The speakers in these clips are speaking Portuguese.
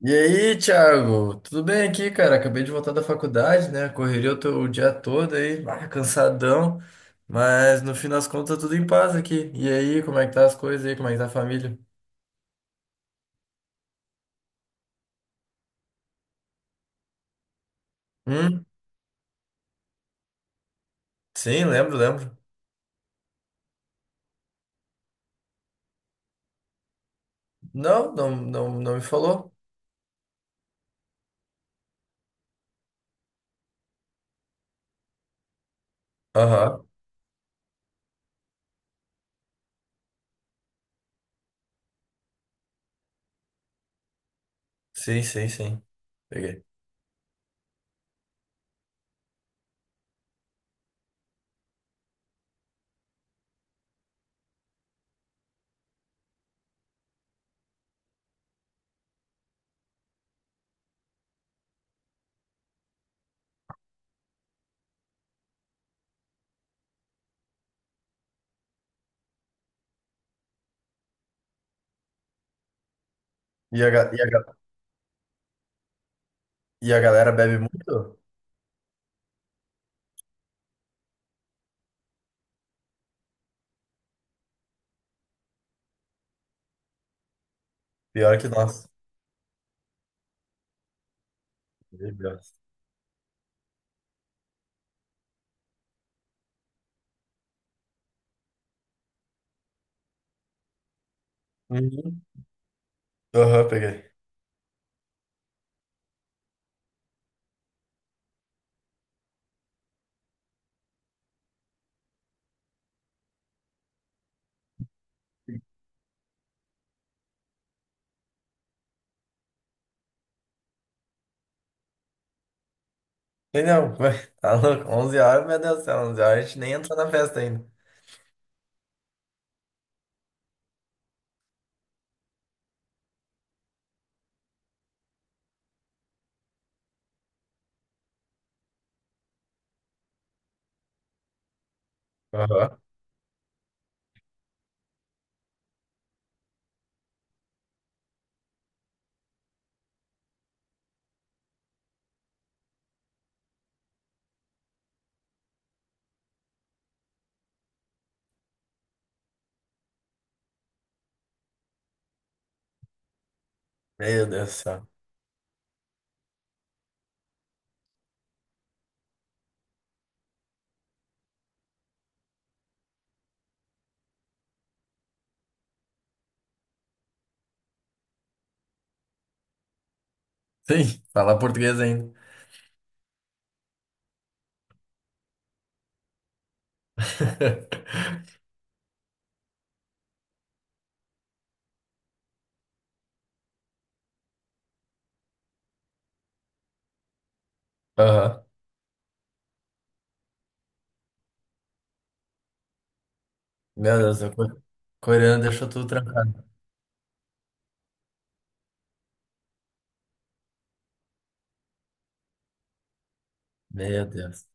E aí, Thiago? Tudo bem aqui, cara? Acabei de voltar da faculdade, né? Correria o dia todo aí, cansadão, mas no fim das contas tudo em paz aqui. E aí, como é que tá as coisas aí? Como é que tá a família? Hum? Sim, lembro, lembro. Não, não, não, não me falou. Aham. Sim, sim, sim. Peguei. E a, ga- e a, ga- e a galera bebe muito? Pior que nós. Bebe Deus. Uhum. Aham, peguei. Sei não, tá louco. 11 horas, meu Deus do céu, 11 horas a gente nem entrou na festa ainda. Aham. Meu Deus do céu. Sim, falar português ainda. Aham. Meu Deus, o coreano deixou tudo trancado. Meu Deus.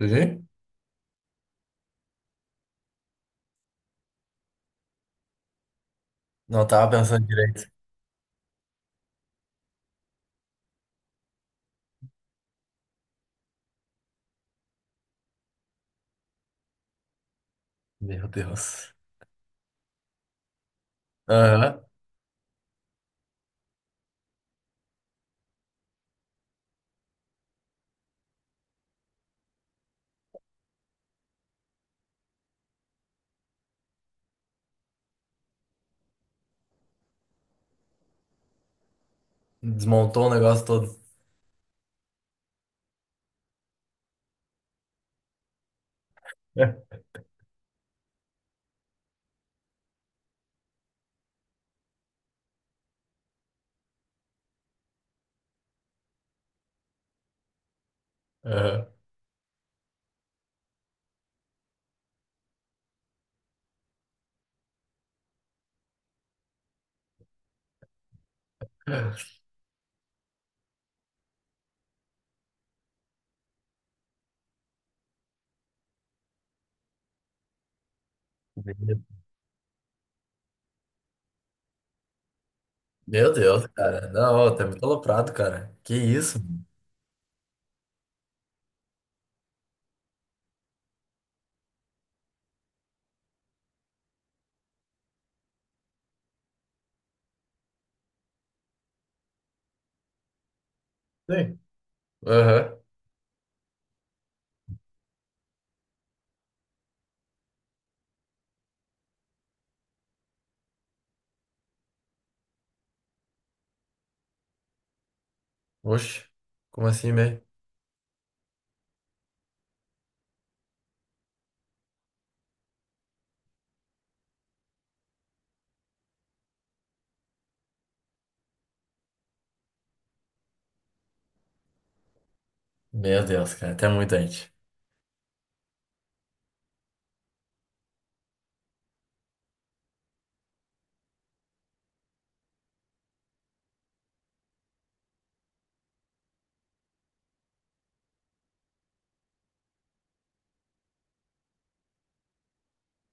Entendi? Não tava pensando direito. Meu Deus. Aham. Desmontou o negócio todo. Aham. Meu meu Deus, cara. Não, tá muito aloprado, cara. Que isso? Sim. Aham. Oxe. Como assim, né? Meu Deus, cara. Até muito gente.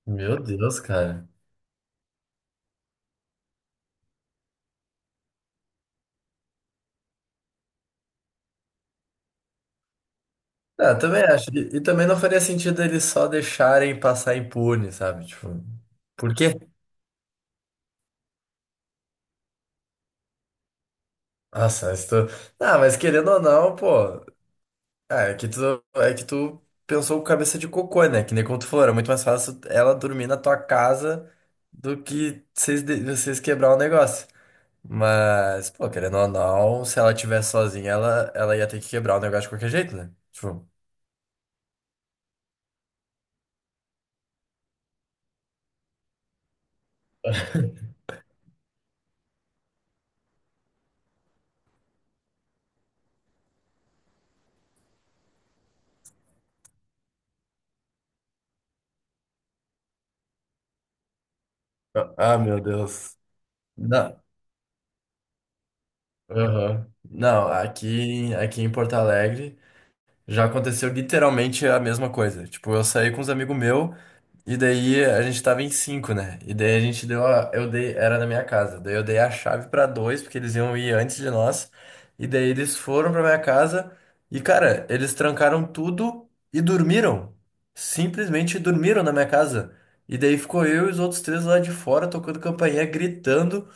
Meu Deus, cara. Ah, eu também acho. E também não faria sentido eles só deixarem passar impune, sabe? Tipo, por quê? Nossa, estou. Ah, mas querendo ou não, pô. Ah, é que tu pensou com cabeça de cocô, né? Que nem como tu falou, era muito mais fácil ela dormir na tua casa do que vocês, vocês quebrar o negócio. Mas, pô, querendo ou não, se ela tivesse sozinha, ela ia ter que quebrar o negócio de qualquer jeito, né? Tipo, ah, meu Deus. Não. Aham. Não, aqui em Porto Alegre já aconteceu literalmente a mesma coisa. Tipo, eu saí com uns amigos meu e daí a gente tava em cinco, né? E daí a gente deu a, eu dei, era na minha casa. Daí eu dei a chave pra dois porque eles iam ir antes de nós. E daí eles foram pra minha casa e cara, eles trancaram tudo e dormiram. Simplesmente dormiram na minha casa. E daí ficou eu e os outros três lá de fora tocando campainha, gritando.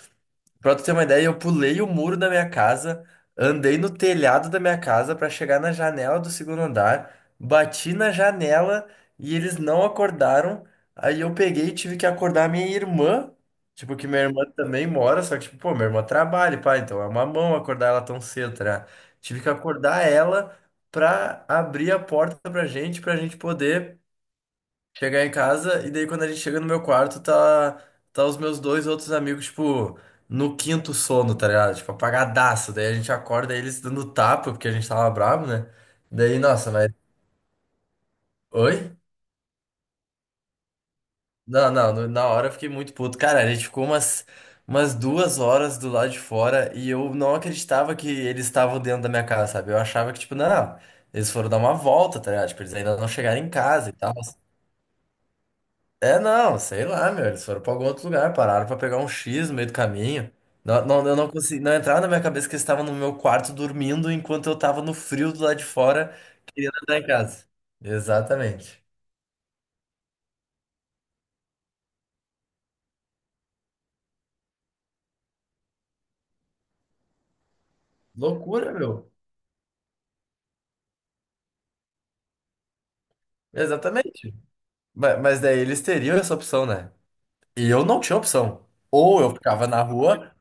Pra tu ter uma ideia, eu pulei o muro da minha casa, andei no telhado da minha casa pra chegar na janela do segundo andar, bati na janela e eles não acordaram. Aí eu peguei e tive que acordar minha irmã, tipo, que minha irmã também mora, só que, tipo, pô, minha irmã trabalha, pá, então é uma mão acordar ela tão cedo, tá ligado? Tive que acordar ela pra abrir a porta pra gente poder. Chegar em casa, e daí quando a gente chega no meu quarto, tá os meus dois outros amigos, tipo, no quinto sono, tá ligado? Tipo, apagadaço. Daí a gente acorda eles dando tapa, porque a gente tava bravo, né? Daí, nossa, mas. Oi? Não, não, na hora eu fiquei muito puto. Cara, a gente ficou umas 2 horas do lado de fora e eu não acreditava que eles estavam dentro da minha casa, sabe? Eu achava que, tipo, não, não, eles foram dar uma volta, tá ligado? Tipo, eles ainda não chegaram em casa e tal. É, não, sei lá, meu. Eles foram pra algum outro lugar, pararam pra pegar um X no meio do caminho. Não, não, eu não consegui, não entrava na minha cabeça que eles estavam no meu quarto dormindo enquanto eu tava no frio do lado de fora, querendo entrar em casa. Exatamente. Loucura, meu. Exatamente. Mas daí eles teriam essa opção, né? E eu não tinha opção. Ou eu ficava na rua,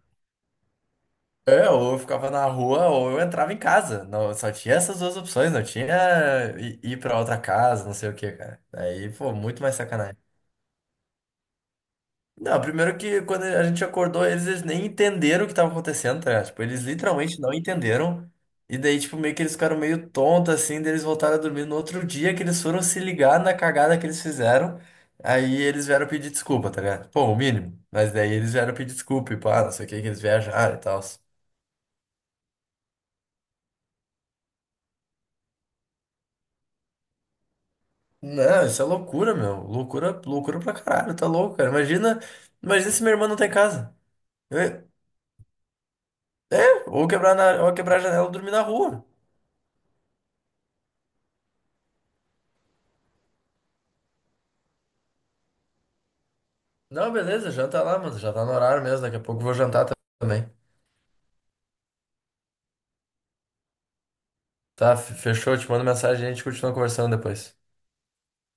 ou eu ficava na rua, ou eu entrava em casa. Não, só tinha essas duas opções, não tinha ir pra outra casa, não sei o quê, cara. Daí, pô, muito mais sacanagem. Não, primeiro que quando a gente acordou, eles nem entenderam o que tava acontecendo, tá ligado? Tipo, eles literalmente não entenderam. E daí, tipo, meio que eles ficaram meio tontos, assim, daí eles voltaram a dormir no outro dia que eles foram se ligar na cagada que eles fizeram. Aí eles vieram pedir desculpa, tá ligado? Pô, o mínimo. Mas daí eles vieram pedir desculpa e pá, não sei o que, que eles viajaram e tal. Não, isso é loucura, meu. Loucura, loucura pra caralho, tá louco, cara. Imagina, imagina se minha irmã não tá em casa. Eu- ou quebrar a janela e dormir na rua. Não, beleza, janta lá, mano. Já tá no horário mesmo. Daqui a pouco eu vou jantar também. Tá, fechou. Te mando mensagem e a gente continua conversando depois.